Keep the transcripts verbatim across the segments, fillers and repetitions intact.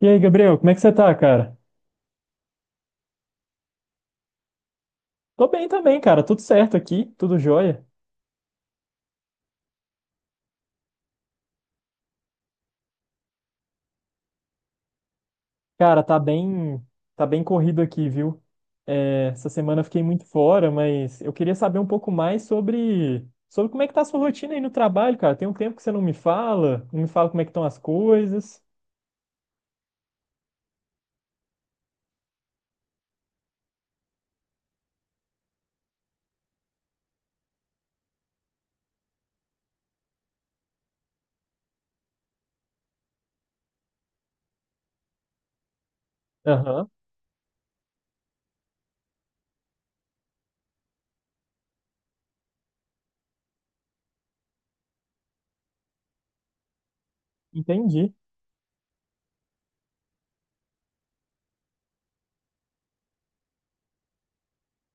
E aí, Gabriel, como é que você tá, cara? Tô bem também, cara. Tudo certo aqui, tudo jóia. Cara, tá bem, tá bem corrido aqui, viu? É, essa semana eu fiquei muito fora, mas eu queria saber um pouco mais sobre, sobre como é que tá a sua rotina aí no trabalho, cara. Tem um tempo que você não me fala, não me fala como é que estão as coisas. Aham, entendi.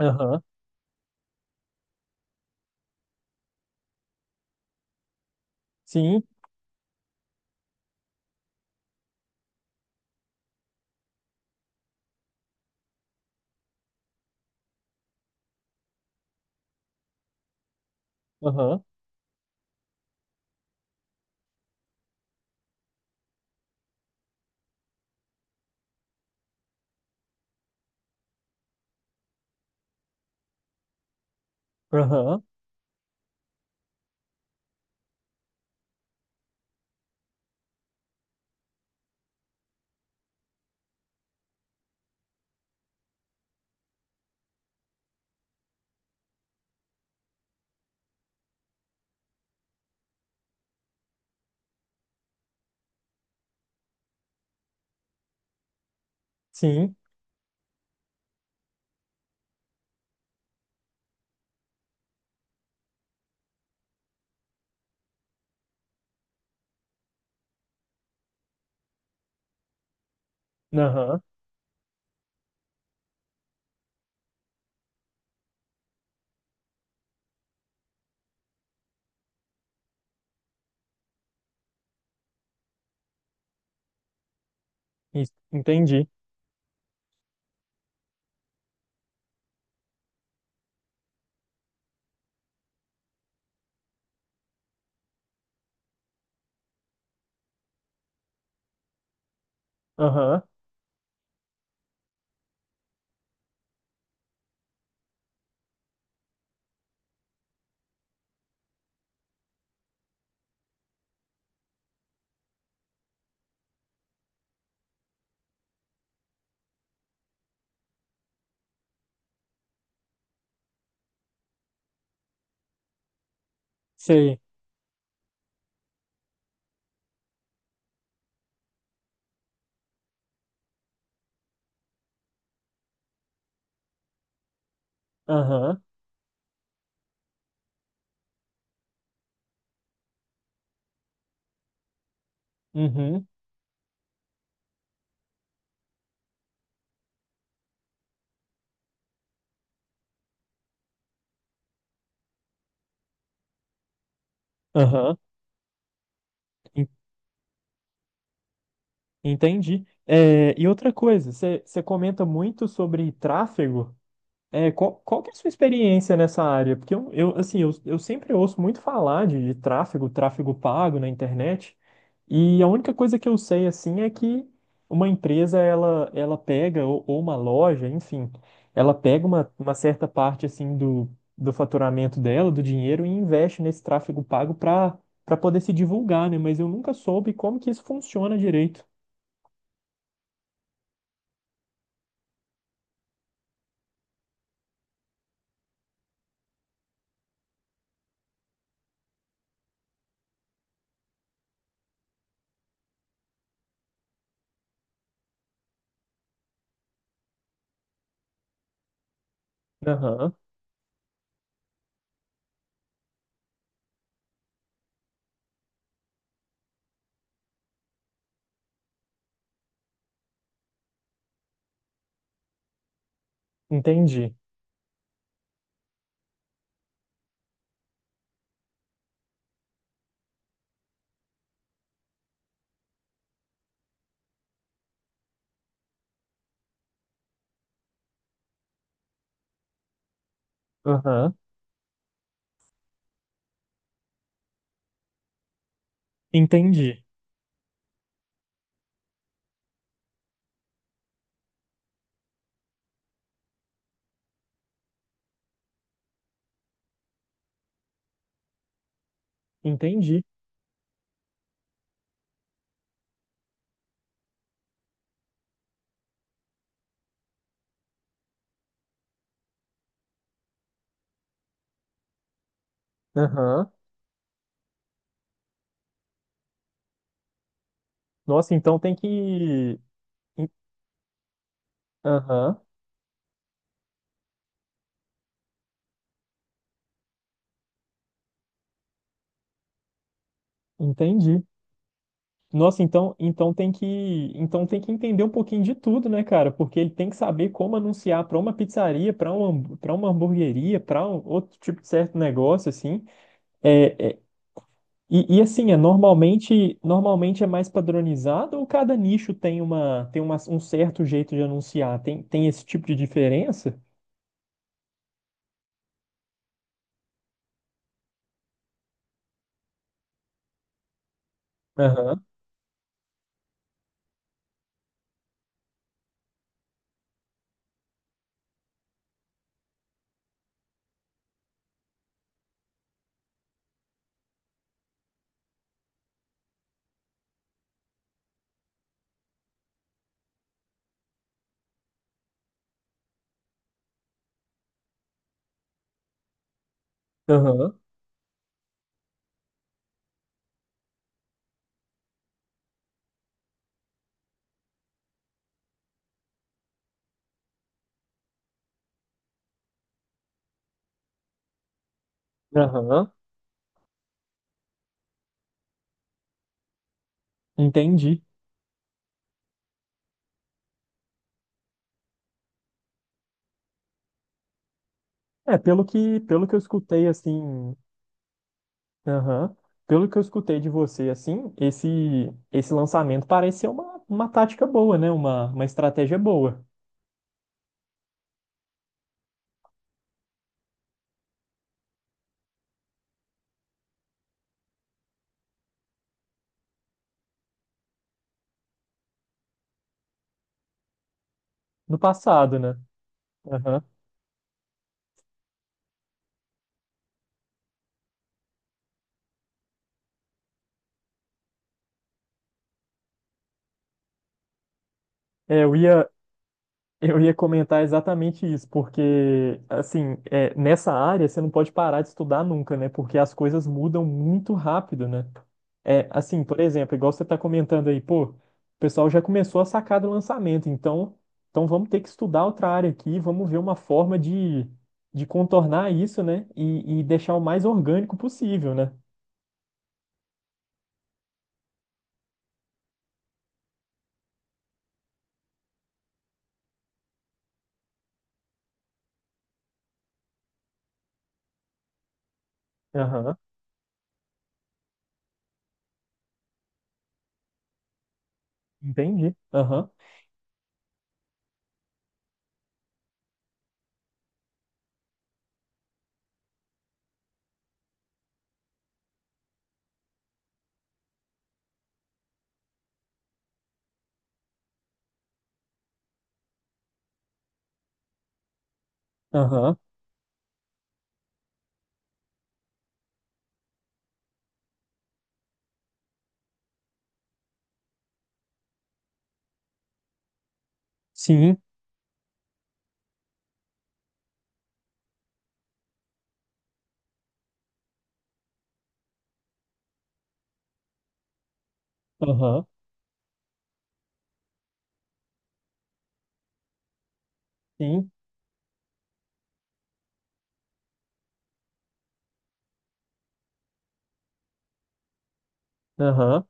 Aham, sim. Aham, aham, sim. Aham, isso, entendi. Aham, sei. Aham, uhum, aham, entendi. É, e outra coisa, você você comenta muito sobre tráfego. É, qual, qual que é a sua experiência nessa área? Porque eu, eu, assim, eu, eu sempre ouço muito falar de, de tráfego, tráfego pago na internet. E a única coisa que eu sei, assim, é que uma empresa, ela, ela pega, ou, ou uma loja, enfim, ela pega uma, uma certa parte, assim, do, do faturamento dela, do dinheiro, e investe nesse tráfego pago para para poder se divulgar, né? Mas eu nunca soube como que isso funciona direito. Aham, entendi. Aham, entendi. Entendi. Aham. Nossa, então tem que. en- Aham, entendi. Nossa, então, então tem que, então tem que entender um pouquinho de tudo, né, cara? Porque ele tem que saber como anunciar para uma pizzaria, para um para uma hamburgueria, para um outro tipo de certo negócio assim. É, é- e, e assim, é normalmente, normalmente é mais padronizado ou cada nicho tem uma, tem uma, um certo jeito de anunciar? Tem, tem esse tipo de diferença? Aham, aham, aham, entendi. É, pelo que, pelo que eu escutei assim, aham, pelo que eu escutei de você assim, esse esse lançamento parece ser uma, uma tática boa, né? Uma, uma estratégia boa no passado, né? Aham. É, eu ia Eu ia comentar exatamente isso, porque, assim, é, nessa área você não pode parar de estudar nunca, né? Porque as coisas mudam muito rápido, né? É, assim, por exemplo, igual você está comentando aí, pô, o pessoal já começou a sacar do lançamento, então, então vamos ter que estudar outra área aqui, vamos ver uma forma de, de contornar isso, né? E, e deixar o mais orgânico possível, né? Aham, entendi. Aham, aham, sim, aham, sim, aham.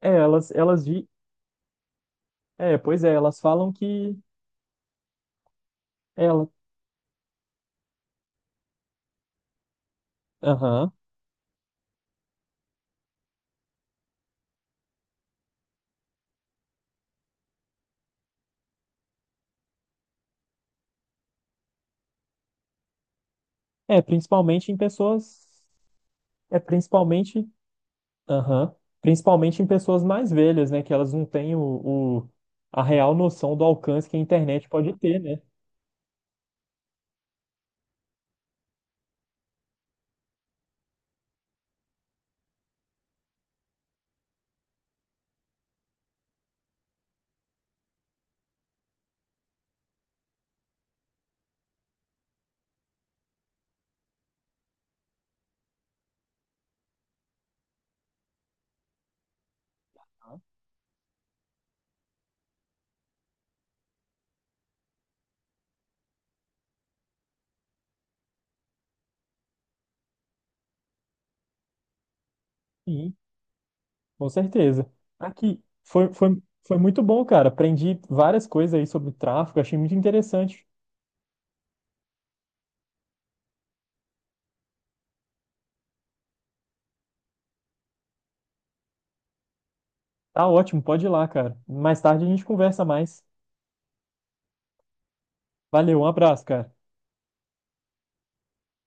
É, elas, elas, É, pois é, elas falam que ela, aham, é principalmente em pessoas, é principalmente, aham, principalmente em pessoas mais velhas, né, que elas não têm o, o- a real noção do alcance que a internet pode ter, né? Sim, com certeza. Aqui foi, foi, foi muito bom, cara. Aprendi várias coisas aí sobre tráfego, achei muito interessante. Tá ótimo, pode ir lá, cara. Mais tarde a gente conversa mais. Valeu, um abraço, cara.